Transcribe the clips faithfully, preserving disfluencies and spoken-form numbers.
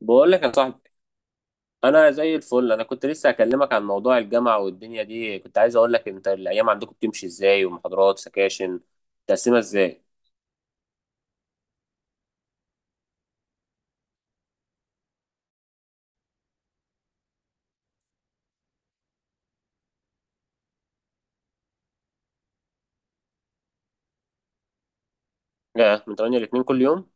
بقول لك يا صاحبي، انا زي الفل. انا كنت لسه اكلمك عن موضوع الجامعه والدنيا دي. كنت عايز اقول لك انت الايام عندكم بتمشي ازاي، ومحاضرات سكاشن تقسمها ازاي؟ آه، من تمانية ل اتنين كل يوم؟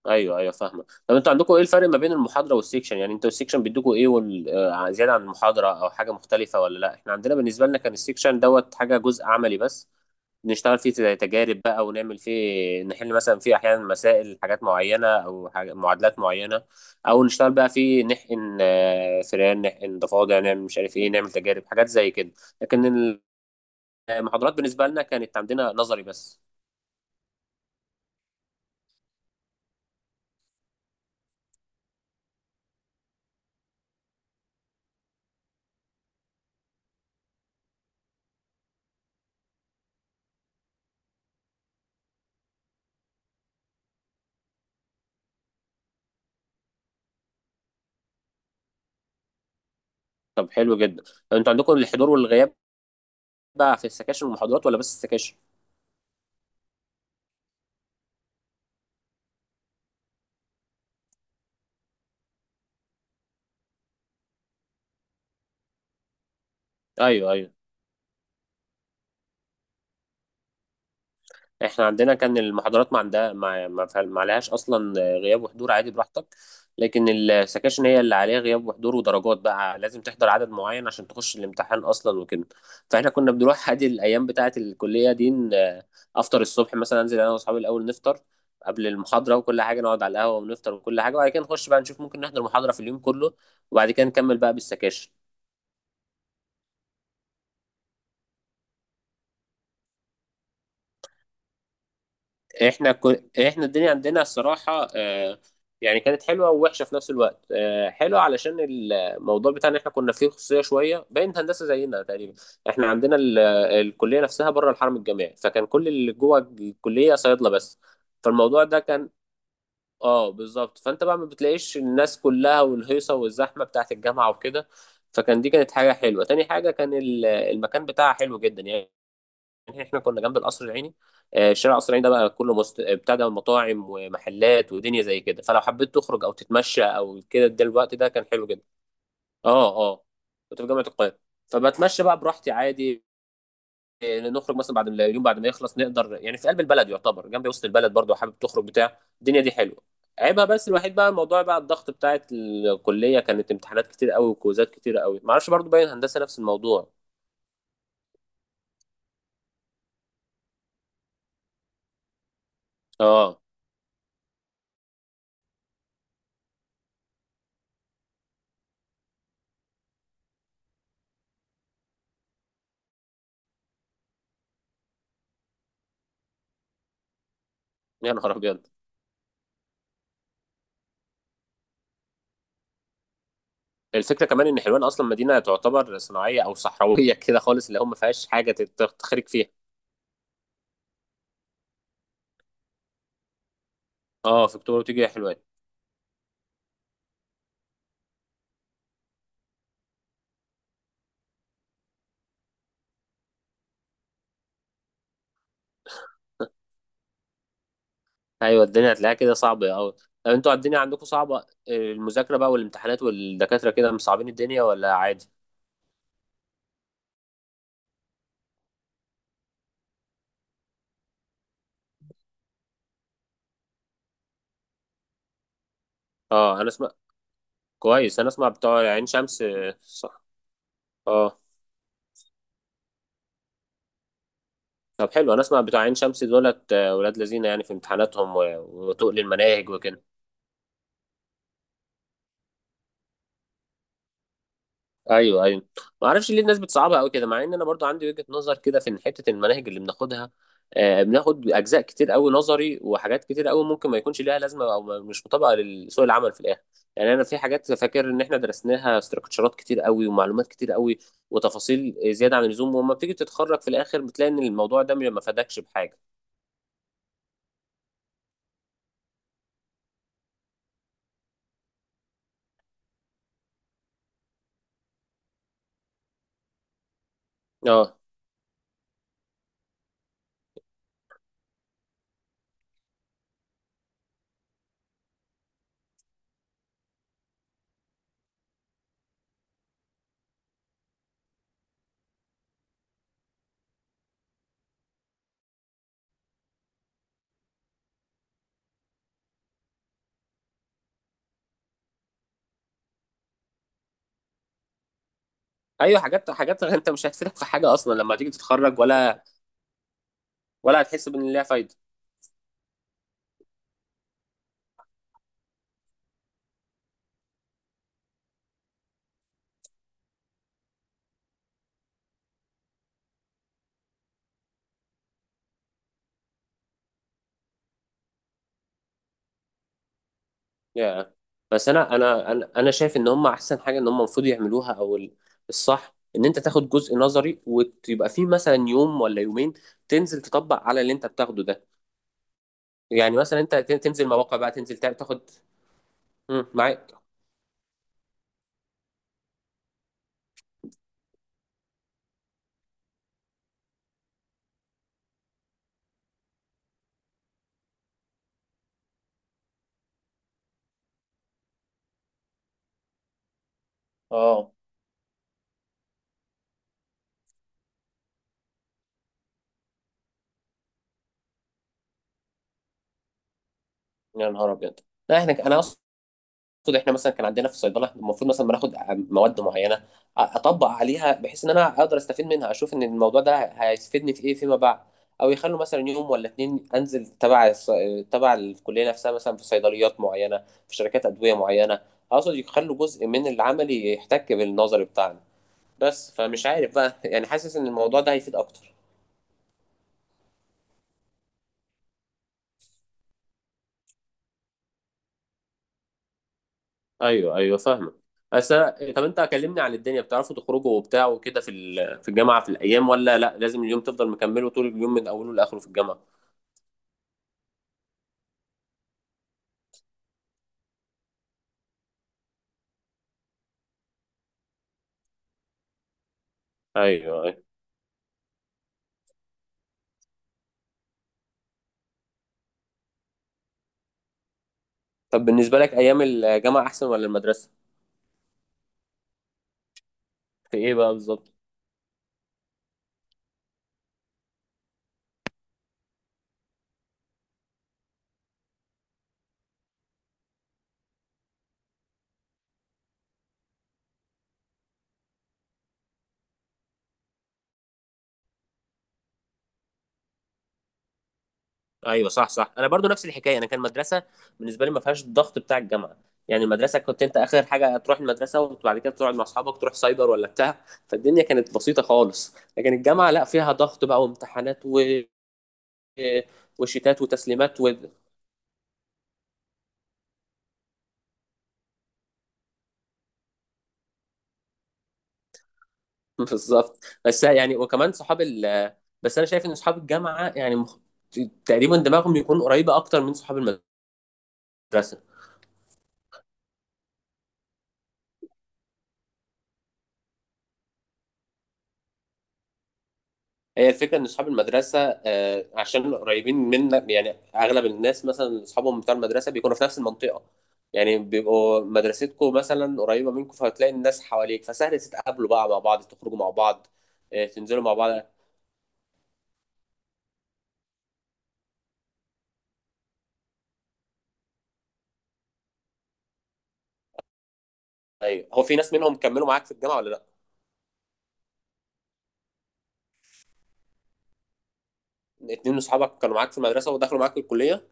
ايوه ايوه فاهمه. طب انتوا عندكم ايه الفرق ما بين المحاضره والسيكشن؟ يعني انتوا السيكشن بيدوكوا ايه وال... آه، زياده عن المحاضره او حاجه مختلفه ولا لا؟ احنا عندنا، بالنسبه لنا، كان السيكشن دوت حاجه جزء عملي بس. نشتغل فيه زي تجارب بقى ونعمل فيه، نحل مثلا فيه احيانا مسائل حاجات معينه او حاجة معادلات معينه، او نشتغل بقى فيه نحقن آه، فئران، نحقن ضفادع، نعمل مش عارف ايه، نعمل تجارب حاجات زي كده. لكن المحاضرات بالنسبه لنا كانت عندنا نظري بس. طب حلو جدا. طب انتوا عندكم الحضور والغياب بقى في السكاشن والمحاضرات ولا بس السكاشن؟ ايوه ايوه. احنا عندنا كان المحاضرات ما عندها ما ما فعل- ما عليهاش اصلا غياب وحضور، عادي براحتك. لكن السكاشن هي اللي عليها غياب وحضور ودرجات، بقى لازم تحضر عدد معين عشان تخش الامتحان اصلا وكده. فاحنا كنا بنروح عادي الايام بتاعه الكليه دي. ن- افطر الصبح مثلا، انزل انا واصحابي الاول نفطر قبل المحاضره وكل حاجه، نقعد على القهوه ونفطر وكل حاجه، وبعد كده نخش بقى نشوف ممكن نحضر محاضره في اليوم كله، وبعد كده نكمل بقى بالسكاشن. احنا كن... احنا الدنيا عندنا الصراحه، آه، يعني كانت حلوه ووحشه في نفس الوقت. آه، حلوه علشان الموضوع بتاعنا احنا كنا فيه خصوصيه شويه، باين هندسه زينا تقريبا. احنا عندنا ال... الكليه نفسها بره الحرم الجامعي، فكان كل اللي جوه الكليه صيادله بس. فالموضوع ده كان اه بالظبط. فانت بقى ما بتلاقيش الناس كلها والهيصه والزحمه بتاعت الجامعه وكده. فكان دي كانت حاجه حلوه. تاني حاجه كان ال- المكان بتاعها حلو جدا يعني. يعني احنا كنا جنب القصر العيني. آه، شارع القصر العيني ده بقى كله مست... بتاع ده مطاعم ومحلات ودنيا زي كده، فلو حبيت تخرج او تتمشى او كده ده الوقت ده كان حلو جدا. اه اه، كنت في جامعه القاهره. فبتمشى بقى براحتي عادي. آه، نخرج مثلا بعد ما- اليوم بعد ما يخلص نقدر، يعني في قلب البلد يعتبر، جنب وسط البلد برضو، حابب تخرج بتاع، الدنيا دي حلوه. عيبها بس الوحيد بقى الموضوع بقى الضغط بتاعت الكليه، كانت امتحانات كتير قوي وكوزات كتير قوي، معرفش برضو باين هندسه نفس الموضوع. اه، يا نهار ابيض. الفكره كمان ان حلوان اصلا مدينه تعتبر صناعيه او صحراويه كده خالص، اللي هو ما فيهاش حاجه تت- تخرج فيها. اه، في اكتوبر وتيجي يا حلوان. ايوه، الدنيا هتلاقيها كده صعبه قوي. طب انتوا الدنيا عندكم صعبه، المذاكره بقى والامتحانات والدكاتره كده مصعبين الدنيا ولا عادي؟ اه انا اسمع. كويس، انا اسمع بتوع عين شمس. صح. اه، طب حلو، انا اسمع بتوع عين شمس دولت آه، ولاد لذينه يعني في امتحاناتهم و- وتقل المناهج وكده. ايوه ايوه. ما اعرفش ليه الناس بتصعبها قوي كده، مع ان انا برضو عندي وجهة نظر كده في ان حتة المناهج اللي بناخدها، آه بناخد اجزاء كتير قوي نظري وحاجات كتير قوي ممكن ما يكونش ليها لازمة او ما- مش مطابقة لسوق العمل في الاخر. يعني انا في حاجات فاكر ان احنا درسناها، استراكشرات كتير قوي ومعلومات كتير قوي وتفاصيل زيادة عن اللزوم، وما بتيجي تتخرج في الاخر بتلاقي ان الموضوع ده ما فادكش بحاجة. اه ايوه، حاجات حاجات انت مش هتفيدك في حاجة اصلا لما تيجي تتخرج، ولا ولا هتحس بان ليها فايدة. يا بس انا انا انا أنا شايف ان هم احسن حاجه ان هم المفروض يعملوها، او ال- الصح ان انت تاخد جزء نظري، ويبقى فيه مثلا يوم ولا يومين تنزل تطبق على اللي انت بتاخده ده. يعني مثلا انت تن- تنزل مواقع بقى، تنزل تا- تاخد. مم، معاك. اه، يا نهار ابيض. لا احنا، انا اصلا المفروض احنا مثلا كان عندنا في الصيدله المفروض مثلا بناخد مواد معينه، أ- اطبق عليها بحيث ان انا اقدر استفيد منها، اشوف ان الموضوع ده هيفيدني في ايه فيما بعد. او يخلوا مثلا يوم ولا اتنين انزل تبع الص... تبع الكليه نفسها مثلا، في صيدليات معينه، في شركات ادويه معينه. اقصد يخلوا جزء من العملي يحتك بالنظري بتاعنا بس، فمش عارف بقى يعني، حاسس ان الموضوع ده هيفيد اكتر. ايوه ايوه فاهمك. بس أنا- طب انت كلمني عن الدنيا، بتعرفوا تخرجوا وبتاع وكده في ال- في الجامعه في الايام، ولا لا لازم اليوم تفضل مكمله طول اليوم من اوله لاخره في الجامعه؟ ايوه ايوه. طب بالنسبه لك ايام الجامعه احسن ولا المدرسه؟ في ايه بقى بالظبط؟ ايوه صح صح، انا برضو نفس الحكايه. انا كان مدرسه، بالنسبه لي ما فيهاش الضغط بتاع الجامعه. يعني المدرسه كنت انت اخر حاجه تروح المدرسه، وبعد كده تقعد مع اصحابك تروح سايبر ولا بتاع، فالدنيا كانت بسيطه خالص. لكن الجامعه لا، فيها ضغط بقى وامتحانات و وشتات وتسليمات و... بالظبط. بس يعني وكمان صحاب ال بس انا شايف ان صحاب الجامعه يعني مخ... تقريبا دماغهم يكون قريبه اكتر من صحاب المدرسه. هي الفكره ان صحاب المدرسه آه، عشان قريبين منا يعني، اغلب الناس مثلا اصحابهم بتوع المدرسه بيكونوا في نفس المنطقه. يعني بيبقوا مدرستكم مثلا قريبه منكم، فهتلاقي الناس حواليك، فسهل تتقابلوا بقى مع بعض، تخرجوا مع بعض، آه، تنزلوا مع بعض. ايوه، هو في ناس منهم كملوا معاك في الجامعه ولا لا؟ اتنين من صحابك كانوا معاك في المدرسه ودخلوا معاك الكليه؟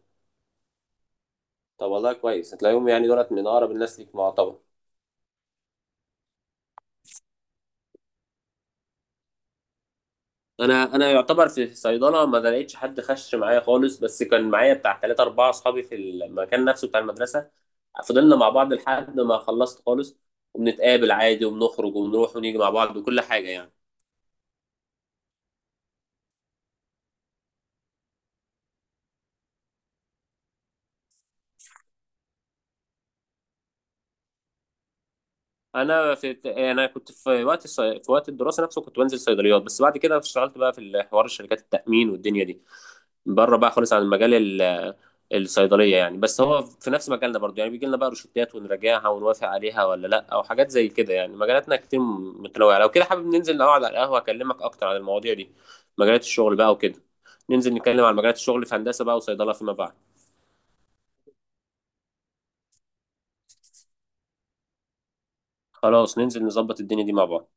طب والله كويس، هتلاقيهم يعني دولت من اقرب الناس ليك معتبر. انا انا يعتبر في صيدله ما لقيتش حد خش معايا خالص، بس كان معايا بتاع ثلاثة أربعة أصحابي في المكان نفسه بتاع المدرسة. فضلنا مع بعض لحد ما خلصت خالص، وبنتقابل عادي وبنخرج وبنروح ونيجي مع بعض وكل حاجة يعني. أنا في أنا كنت في وقت الصي... في وقت الدراسة نفسه كنت بنزل صيدليات، بس بعد كده اشتغلت بقى في حوار شركات التأمين والدنيا دي، بره بقى خالص عن المجال ال- الصيدلية يعني. بس هو في نفس مجالنا برضو، يعني بيجي لنا بقى روشتات ونراجعها ونوافق عليها ولا لا، او حاجات زي كده. يعني مجالاتنا كتير متنوعة، لو كده حابب ننزل نقعد على القهوة اكلمك اكتر عن المواضيع دي، مجالات الشغل بقى وكده. ننزل نتكلم عن مجالات الشغل في هندسة بقى وصيدلة فيما بعد. خلاص، ننزل نظبط الدنيا دي مع بعض.